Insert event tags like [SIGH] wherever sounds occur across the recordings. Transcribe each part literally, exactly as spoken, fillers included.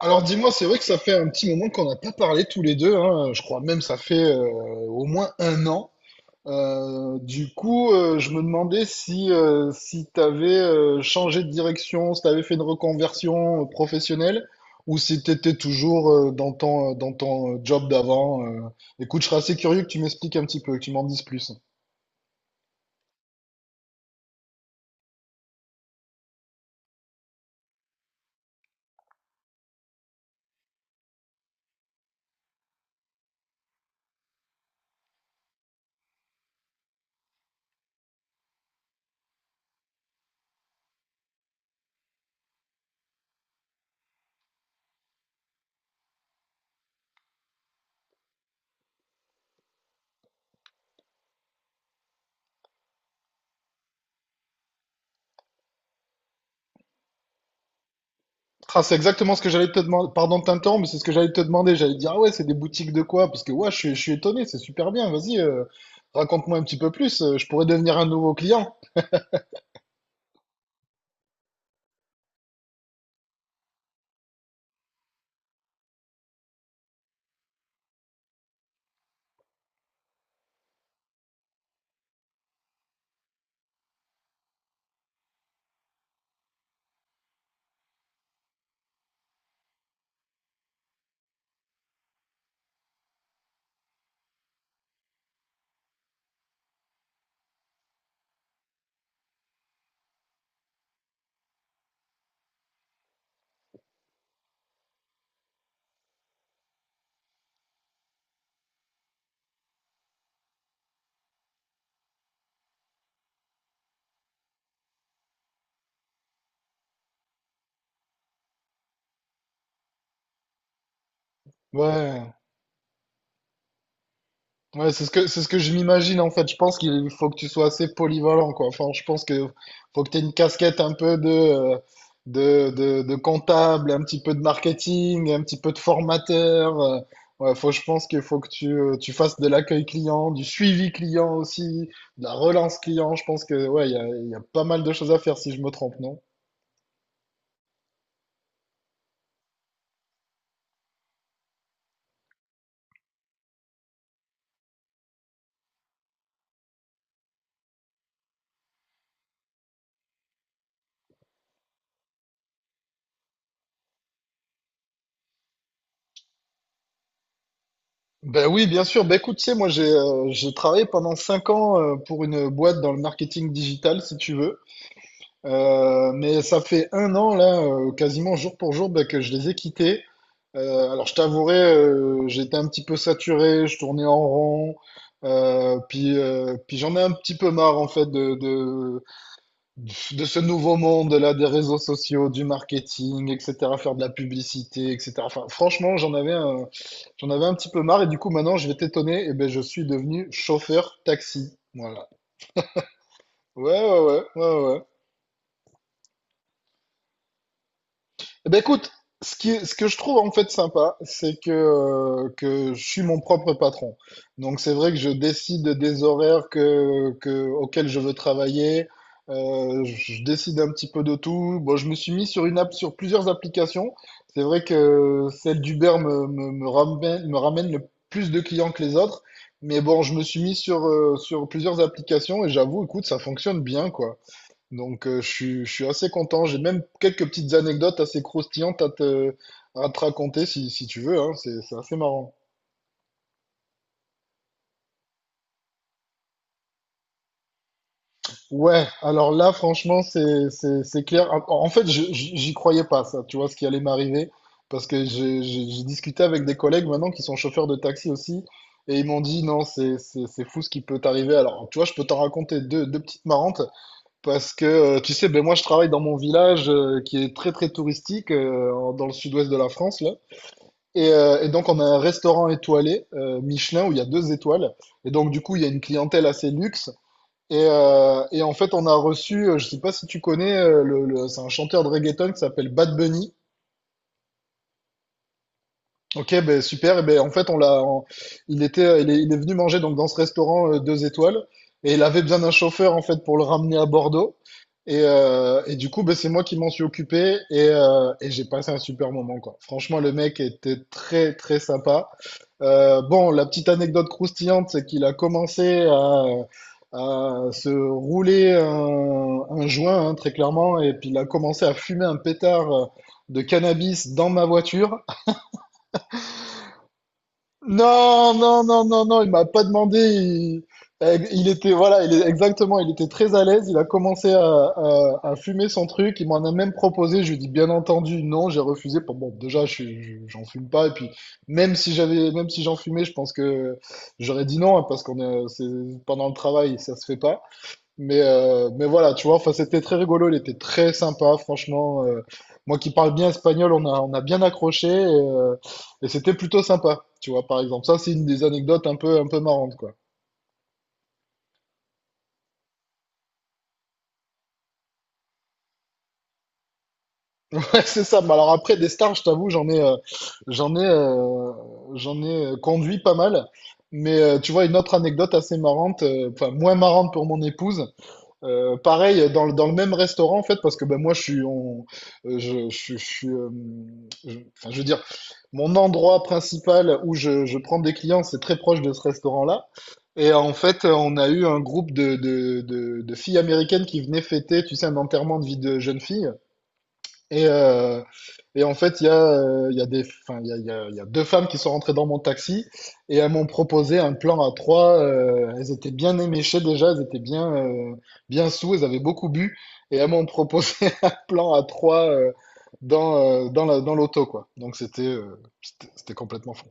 Alors dis-moi, c'est vrai que ça fait un petit moment qu'on n'a pas parlé tous les deux, hein. Je crois même ça fait euh, au moins un an. Euh, du coup, euh, je me demandais si, euh, si tu avais changé de direction, si tu avais fait une reconversion euh, professionnelle ou si tu étais toujours euh, dans ton, euh, dans ton euh, job d'avant. euh. Écoute, je serais assez curieux que tu m'expliques un petit peu, que tu m'en dises plus. Ah, c'est exactement ce que j'allais te demander. Pardon de t'interrompre, mais c'est ce que j'allais te demander. J'allais te dire, ah ouais, c'est des boutiques de quoi? Parce que ouais, je suis, je suis étonné, c'est super bien. Vas-y, euh, raconte-moi un petit peu plus. euh, Je pourrais devenir un nouveau client. Ouais. Ouais, c'est ce que, c'est ce que je m'imagine en fait. Je pense qu'il faut que tu sois assez polyvalent, quoi. Enfin, je pense que faut que tu aies une casquette un peu de, euh, de, de, de comptable, un petit peu de marketing, un petit peu de formateur. euh. Ouais, faut, je pense qu'il faut que tu, euh, tu fasses de l'accueil client, du suivi client aussi, de la relance client. Je pense que ouais, il y a, il y a pas mal de choses à faire si je me trompe, non? Ben oui, bien sûr. Ben écoute, tu sais, moi j'ai euh, j'ai travaillé pendant cinq ans euh, pour une boîte dans le marketing digital, si tu veux. Euh, mais ça fait un an, là, euh, quasiment jour pour jour, bah, que je les ai quittés. Euh, alors, je t'avouerai, euh, j'étais un petit peu saturé, je tournais en rond. Euh, puis, euh, puis j'en ai un petit peu marre, en fait, de, de, de ce nouveau monde, là, des réseaux sociaux, du marketing, et cetera, faire de la publicité, et cetera. Enfin, franchement, j'en avais un, j'en avais un petit peu marre. Et du coup, maintenant, je vais t'étonner, et ben, je suis devenu chauffeur taxi. Voilà. Ouais, ouais, ouais, ouais, ouais. Eh Ben écoute, ce qui, ce que je trouve en fait sympa, c'est que, euh, que je suis mon propre patron. Donc c'est vrai que je décide des horaires que, que, auxquels je veux travailler. Euh, je décide un petit peu de tout. Bon, je me suis mis sur une app, sur plusieurs applications. C'est vrai que celle d'Uber me, me, me ramène, me ramène le plus de clients que les autres. Mais bon, je me suis mis sur, euh, sur plusieurs applications et j'avoue, écoute, ça fonctionne bien, quoi. Donc, euh, je suis, je suis assez content. J'ai même quelques petites anecdotes assez croustillantes à te, à te raconter si, si tu veux, hein. C'est, c'est assez marrant. Ouais, alors là, franchement, c'est, c'est, c'est clair. En en fait, je- je- j'y croyais pas, ça, tu vois, ce qui allait m'arriver. Parce que j'ai j'ai- j'ai discuté avec des collègues maintenant qui sont chauffeurs de taxi aussi. Et ils m'ont dit, non, c'est c'est- c'est fou ce qui peut t'arriver. Alors, tu vois, je peux t'en raconter deux, deux petites marrantes. Parce que, euh, tu sais, ben moi, je travaille dans mon village euh, qui est très, très touristique euh, en- dans le sud-ouest de la France. Et, euh, et donc, on a un restaurant étoilé, euh, Michelin, où il y a deux étoiles. Et donc, du coup, il y a une clientèle assez luxe. Et, euh, et en fait, on a reçu, euh, je sais pas si tu connais, euh, le, le- c'est un chanteur de reggaeton qui s'appelle Bad Bunny. Ok, ben super. Et ben en fait, on l'a, on- il était, euh, il est, il est venu manger donc dans ce restaurant euh, deux étoiles et il avait besoin d'un chauffeur en fait pour le ramener à Bordeaux. Et, euh, et du coup, ben, c'est moi qui m'en suis occupé et, euh, et j'ai passé un super moment quoi. Franchement, le mec était très très sympa. Euh, bon, la petite anecdote croustillante, c'est qu'il a commencé à, à se rouler un, un joint hein, très clairement et puis il a commencé à fumer un pétard euh, de cannabis dans ma voiture. Non, non, non, non, non, il m'a pas demandé. Il, euh, il était, voilà, il est exactement, il était très à l'aise. Il a commencé à, à- à fumer son truc. Il m'en a même proposé. Je lui ai dit, bien entendu, non, j'ai refusé. Bon, bon, déjà, je, suis- je- j'en fume pas. Et puis, même si j'avais, même si j'en fumais, je pense que j'aurais dit non, hein, parce qu'on est, c'est, pendant le travail, ça se fait pas. Mais, euh, mais voilà, tu vois, enfin, c'était très rigolo, il était très sympa, franchement. euh, moi qui parle bien espagnol, on a, on a bien accroché et, euh, et c'était plutôt sympa, tu vois, par exemple. Ça, c'est une des anecdotes un peu, un peu marrantes, quoi. [LAUGHS] Ouais, c'est ça. Mais alors après, des stars, je t'avoue, j'en ai, euh, j'en ai, euh, j'en ai euh, conduit pas mal. Mais euh, tu vois, une autre anecdote assez marrante, euh, enfin, moins marrante pour mon épouse. Euh, pareil, dans le, dans le même restaurant, en fait, parce que ben, moi, je suis, on, euh, je, je, suis- je suis euh, je- enfin, je veux dire, mon endroit principal où je, je prends des clients, c'est très proche de ce restaurant-là. Et en fait, on a eu un groupe de, de, de, de filles américaines qui venaient fêter, tu sais, un enterrement de vie de jeune fille. Et, euh, et en fait, il y a, euh, il y a des, enfin, il y a, il y a, il y a deux femmes qui sont rentrées dans mon taxi et elles m'ont proposé un plan à trois. euh, elles étaient bien éméchées déjà, elles étaient bien, euh, bien sous, elles avaient beaucoup bu et elles m'ont proposé [LAUGHS] un plan à trois euh, dans, euh, dans la, dans l'auto, quoi. Donc c'était, euh, c'était, c'était complètement fou.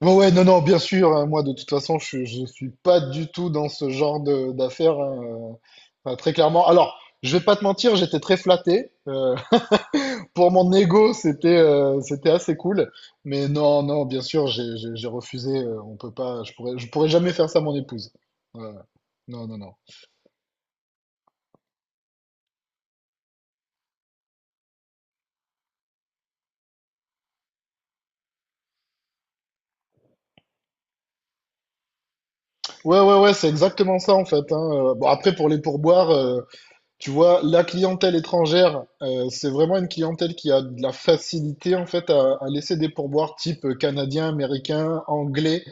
Bon, ouais, non, non, bien sûr, hein, moi de toute façon, je, suis- je suis pas du tout dans ce genre de, d'affaires, hein, euh, enfin, très clairement. Alors, je vais pas te mentir, j'étais très flatté. euh, pour mon ego, c'était euh, c'était assez cool. Mais non, non, bien sûr, j'ai j'ai- j'ai refusé. euh, on peut pas, je pourrais, je pourrais jamais faire ça à mon épouse. Ouais. Ouais. Non, non, non. Ouais, ouais, ouais, c'est exactement ça en fait, hein. Euh, Bon, après, pour les pourboires, euh, tu vois, la clientèle étrangère, euh, c'est vraiment une clientèle qui a de la facilité en fait à, à laisser des pourboires type canadien, américain, anglais.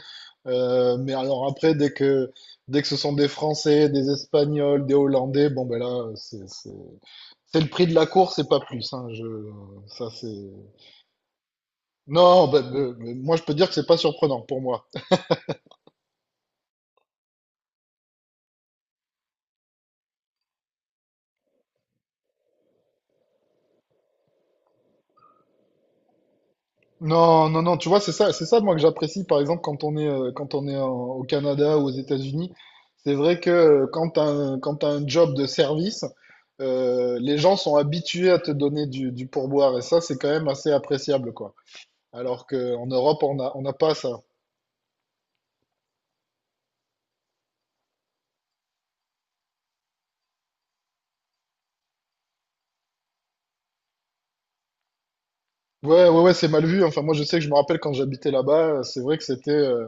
Euh, mais alors après, dès que, dès que ce sont des Français, des Espagnols, des Hollandais, bon ben là, c'est, c'est- c'est le prix de la course et pas plus, hein. je... Ça, c'est... Non, bah, bah, bah, moi, je peux dire que c'est pas surprenant pour moi. Non, non, non, tu vois, c'est ça, c'est ça, moi, que j'apprécie, par exemple, quand on est, euh, quand on est en- au Canada ou aux États-Unis. C'est vrai que euh, quand t'as un, quand t'as un job de service, euh, les gens sont habitués à te donner du, du pourboire. Et ça, c'est quand même assez appréciable, quoi. Alors qu'en Europe, on a, on n'a pas ça. Ouais, ouais, ouais, c'est mal vu. Enfin, moi, je sais que je me rappelle quand j'habitais là-bas, c'est vrai que c'était... euh,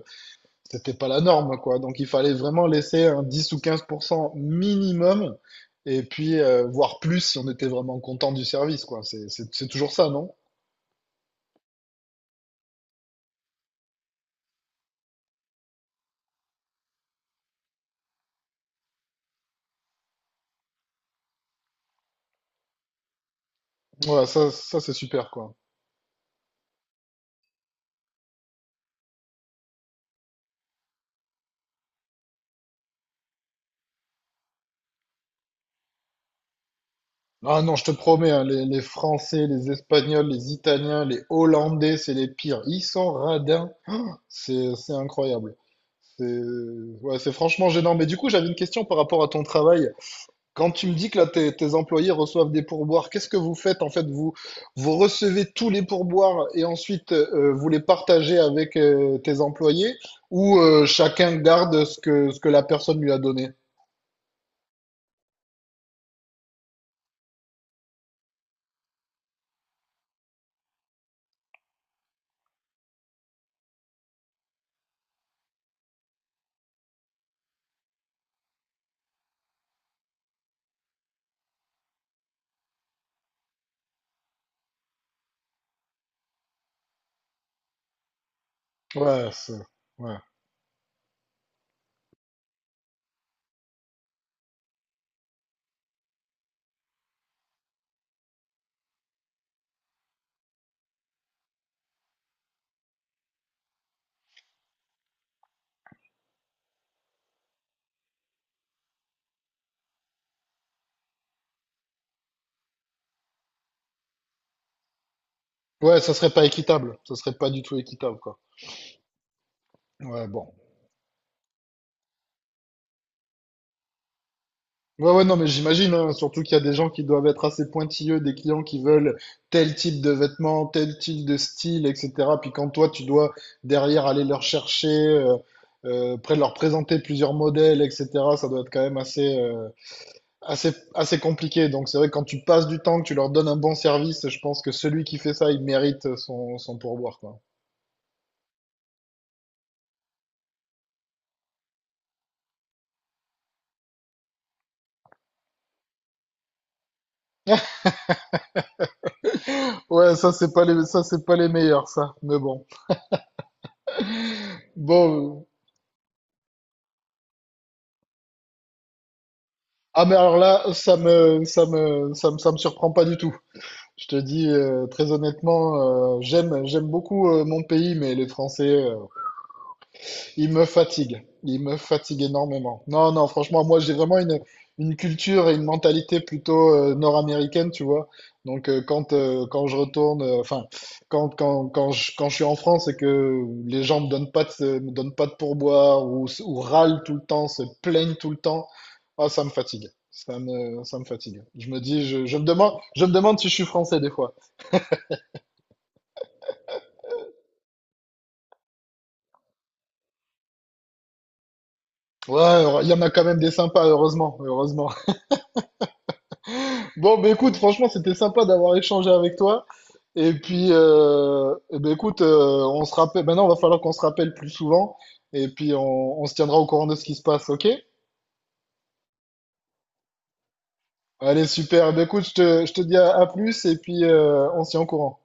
c'était pas la norme, quoi. Donc il fallait vraiment laisser un dix ou quinze pour cent minimum, et puis euh, voire plus si on était vraiment content du service, quoi. C'est c'est- c'est toujours ça, non? Voilà, ça, ça c'est super, quoi. Ah non, je te promets, hein, les, les Français, les Espagnols, les Italiens, les Hollandais, c'est les pires. Ils sont radins, c'est c'est incroyable. C'est ouais, c'est franchement gênant. Mais du coup, j'avais une question par rapport à ton travail. Quand tu me dis que là, tes, tes employés reçoivent des pourboires, qu'est-ce que vous faites en fait? Vous, vous recevez tous les pourboires et ensuite euh, vous les partagez avec euh, tes employés ou euh, chacun garde ce que, ce que la personne lui a donné? Ouais, c'est- ouais. Ouais, ça serait pas équitable. Ça serait pas du tout équitable, quoi. Ouais, bon. Ouais, ouais, non, mais j'imagine, hein, surtout qu'il y a des gens qui doivent être assez pointilleux, des clients qui veulent tel type de vêtements, tel type de style, et cetera. Puis quand toi, tu dois derrière aller leur chercher, euh, euh, après leur présenter plusieurs modèles, et cetera, ça doit être quand même assez, euh, assez, assez compliqué. Donc c'est vrai que quand tu passes du temps, que tu leur donnes un bon service, je pense que celui qui fait ça, il mérite son, son pourboire, quoi. Ouais, ça, c'est pas les, ça, c'est pas les meilleurs, ça. Mais bon. Bon. euh, Ah, mais alors là, ça me, ça me, ça me, ça me surprend pas du tout. Je te dis euh, très honnêtement, euh, j'aime j'aime beaucoup euh, mon pays, mais les Français, euh, ils me fatiguent. Ils me fatiguent énormément. Non, non, franchement, moi j'ai vraiment une, une culture et une mentalité plutôt euh, nord-américaine, tu vois. Donc euh, quand euh, quand je retourne, euh, enfin quand quand quand je quand je suis en France et que les gens me donnent pas de, me donnent pas de pourboire ou ou râlent tout le temps, se plaignent tout le temps, ah ça me fatigue. Ça me ça me fatigue. Je me dis, je, je me demande je me demande si je suis français des fois. Ouais, heure- il y en a quand même des sympas, heureusement, heureusement. [LAUGHS] Bon, bah écoute, franchement, c'était sympa d'avoir échangé avec toi. Et puis, euh, eh ben, écoute, euh, on se rappelle. Maintenant, il va falloir qu'on se rappelle plus souvent. Et puis, on, on se tiendra au courant de ce qui se passe, ok? Allez, super. Eh ben, écoute, je te, je te dis à, à plus. Et puis, euh, on se tient au courant.